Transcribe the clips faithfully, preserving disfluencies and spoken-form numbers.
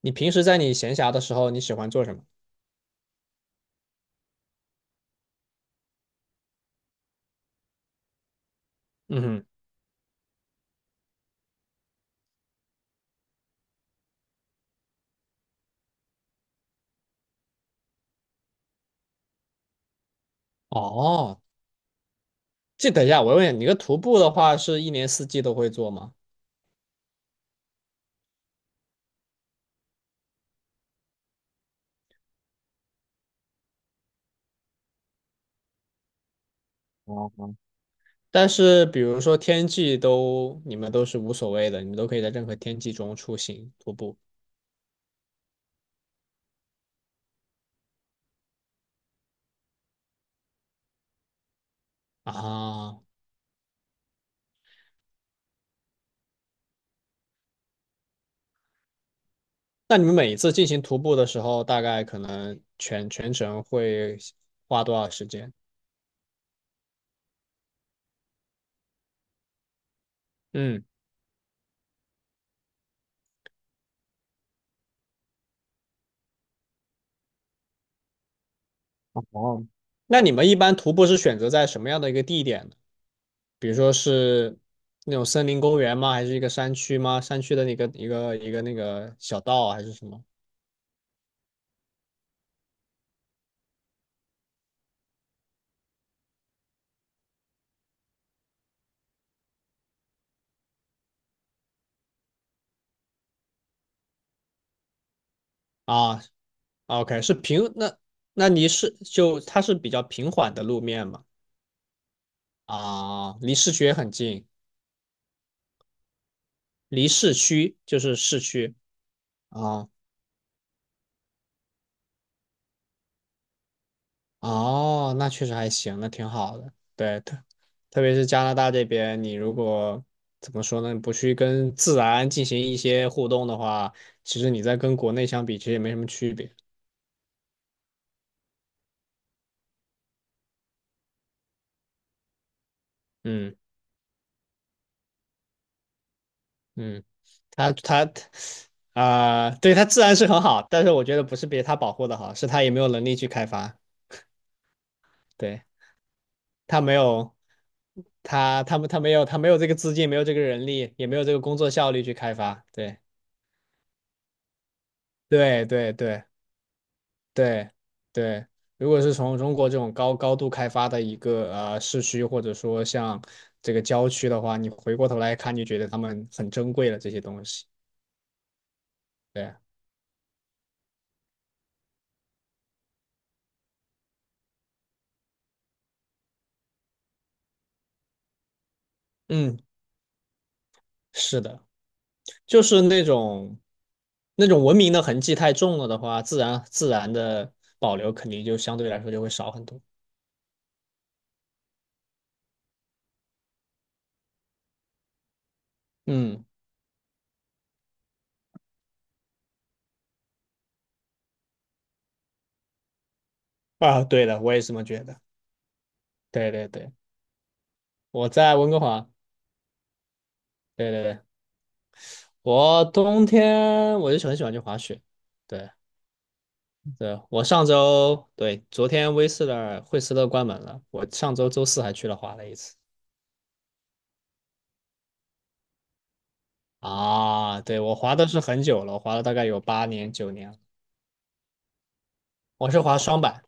你平时在你闲暇的时候，你喜欢做什么？嗯哼。哦，这等一下，我问你，你个徒步的话是一年四季都会做吗？哦，但是比如说天气都，你们都是无所谓的，你们都可以在任何天气中出行徒步啊。那你们每一次进行徒步的时候，大概可能全全程会花多少时间？嗯。哦，那你们一般徒步是选择在什么样的一个地点，比如说是那种森林公园吗？还是一个山区吗？山区的那个一个一个那个小道啊，还是什么啊。 o k， 是平那那离市就它是比较平缓的路面嘛。啊，离市区也很近，离市区就是市区啊。哦，那确实还行，那挺好的。对，特特别是加拿大这边，你如果怎么说呢，不去跟自然进行一些互动的话，其实你在跟国内相比，其实也没什么区别。嗯。嗯，他他啊、对，他自然是很好，但是我觉得不是别他保护的好，是他也没有能力去开发。对，他没有他他们他没有他没有这个资金，没有这个人力，也没有这个工作效率去开发。对，对，对，对，对，对。如果是从中国这种高高度开发的一个呃市区，或者说像这个郊区的话，你回过头来看，你觉得他们很珍贵了这些东西。对。嗯，是的。就是那种那种文明的痕迹太重了的话，自然自然的保留肯定就相对来说就会少很多。嗯。啊，对的，我也这么觉得。对，对，对，我在温哥华。对，对，对，我冬天我就很喜欢去滑雪。对，对，我上周，对，昨天威斯勒惠斯勒关门了，我上周周四还去了滑了一次。啊，对，我滑的是很久了，我滑了大概有八年九年了。我是滑双板。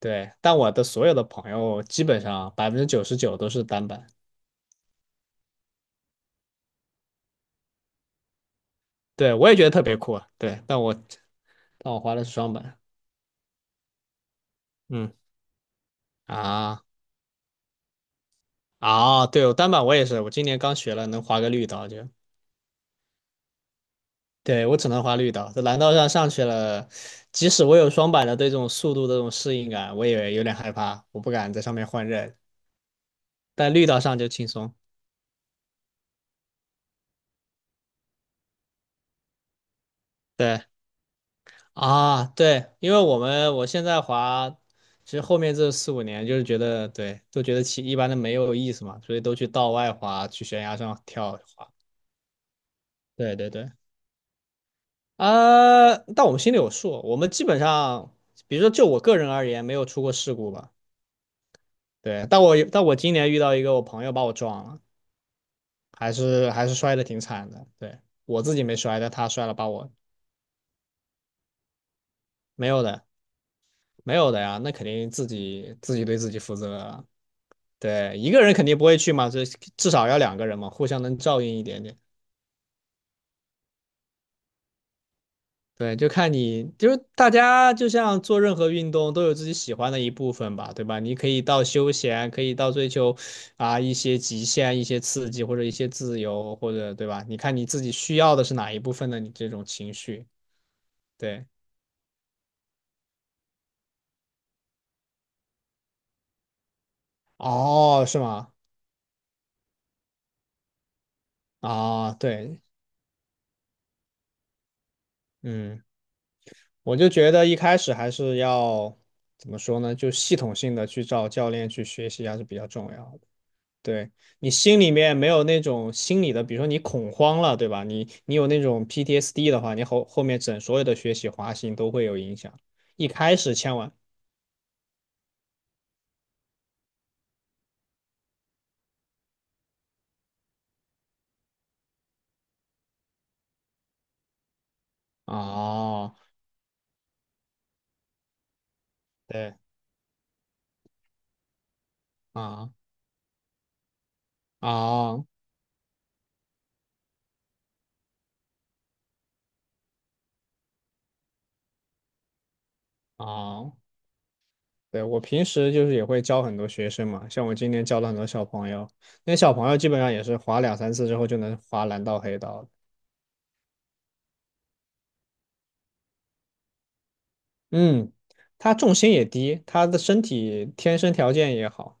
对，但我的所有的朋友基本上百分之九十九都是单板。对，我也觉得特别酷啊，对，但我但我滑的是双板。嗯。啊。啊，对，我单板我也是，我今年刚学了，能滑个绿道就，对，我只能滑绿道，在蓝道上上去了，即使我有双板的，对，这种速度的这种适应感，我也有点害怕，我不敢在上面换刃，但绿道上就轻松。对。啊，对，因为我们我现在滑，其实后面这四五年就是觉得，对，都觉得骑一般的没有意思嘛，所以都去道外滑，去悬崖上跳滑。对，对，对。啊，但我们心里有数，我们基本上，比如说就我个人而言，没有出过事故吧。对，但我但我今年遇到一个我朋友把我撞了，还是还是摔的挺惨的。对，我自己没摔，但他摔了把我，没有的，没有的呀，那肯定自己自己对自己负责啊。对，一个人肯定不会去嘛，这至少要两个人嘛，互相能照应一点点。对，就看你，就是大家就像做任何运动都有自己喜欢的一部分吧，对吧？你可以到休闲，可以到追求啊一些极限、一些刺激或者一些自由，或者对吧？你看你自己需要的是哪一部分的你这种情绪？对。哦，是吗？啊，对。嗯，我就觉得一开始还是要，怎么说呢？就系统性的去找教练去学习还是比较重要的。对，你心里面没有那种心理的，比如说你恐慌了，对吧？你你有那种 P T S D 的话，你后后面整所有的学习滑行都会有影响。一开始千万啊。对啊啊啊，对，我平时就是也会教很多学生嘛，像我今年教了很多小朋友，那小朋友基本上也是滑两三次之后就能滑蓝道黑道了。嗯，他重心也低，他的身体天生条件也好。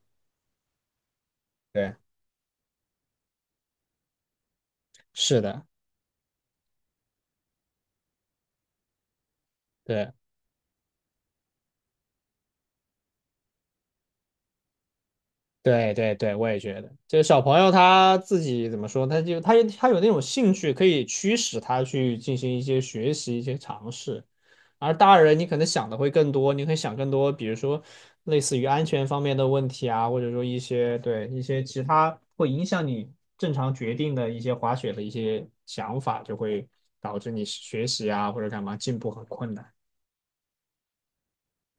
对，是的。对。对，对，对，我也觉得，就是小朋友他自己怎么说，他就他他有那种兴趣，可以驱使他去进行一些学习、一些尝试。而大人，你可能想的会更多，你可以想更多，比如说类似于安全方面的问题啊，或者说一些对一些其他会影响你正常决定的一些滑雪的一些想法，就会导致你学习啊或者干嘛进步很困难。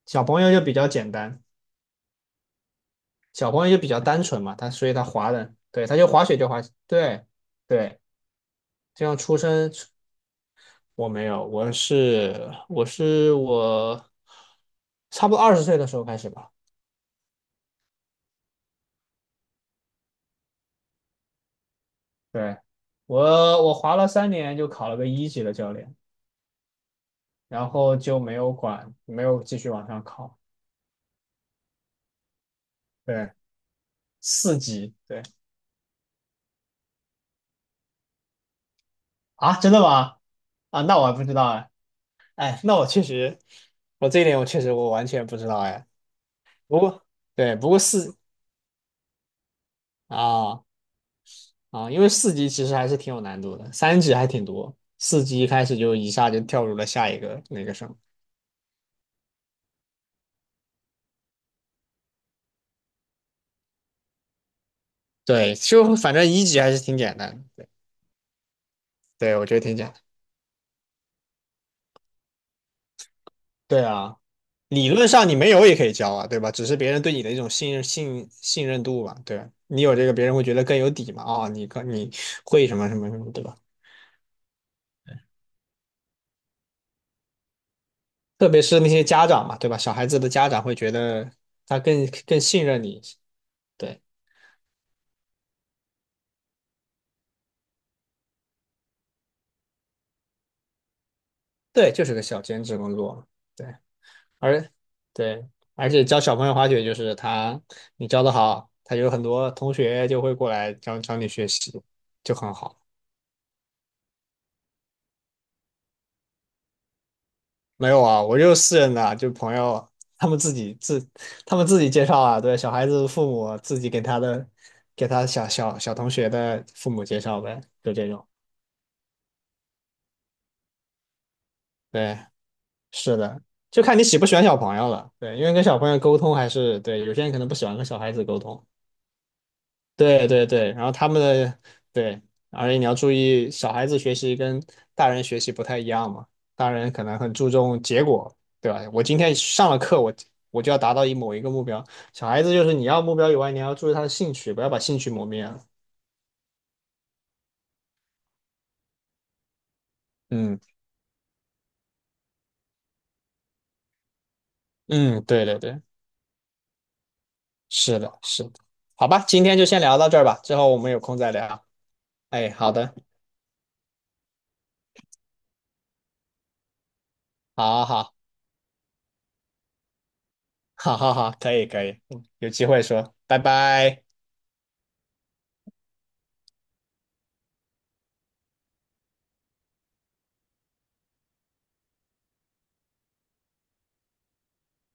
小朋友就比较简单。小朋友就比较单纯嘛，他所以他滑的，对，他就滑雪就滑。对，对，就像出生，我没有，我是我是我差不多二十岁的时候开始吧。对，我我滑了三年就考了个一级的教练，然后就没有管，没有继续往上考。对，四级，对啊，真的吗？啊，那我还不知道哎。哎，那我确实，我这一点我确实我完全不知道哎，不过对，不过四啊。啊。因为四级其实还是挺有难度的，三级还挺多，四级一开始就一下就跳入了下一个那个什么。对，就反正一级还是挺简单的。对，对，我觉得挺简单。对啊，理论上你没有也可以教啊，对吧？只是别人对你的一种信任信信任度吧，对吧，你有这个，别人会觉得更有底嘛。啊、你可你会什么什么什么，对吧？特别是那些家长嘛，对吧？小孩子的家长会觉得他更更信任你。对，对，就是个小兼职工作嘛。对。而对，而且教小朋友滑雪就是他，你教的好，他有很多同学就会过来教教你学习，就很好。没有啊，我就是私人的啊，就朋友他们自己自他们自己介绍啊。对，小孩子父母自己给他的给他小小小同学的父母介绍呗，就这种。对，是的，就看你喜不喜欢小朋友了。对，因为跟小朋友沟通还是，对，有些人可能不喜欢跟小孩子沟通。对，对，对，然后他们的，对，而且你要注意，小孩子学习跟大人学习不太一样嘛，大人可能很注重结果，对吧？我今天上了课，我我就要达到一某一个目标，小孩子就是你要目标以外，你还要注意他的兴趣，不要把兴趣磨灭了。嗯嗯。对，对，对，是的，是的。好吧，今天就先聊到这儿吧，之后我们有空再聊。哎，好的，好，好，好，好，好，可以，可以，嗯有机会说，拜拜。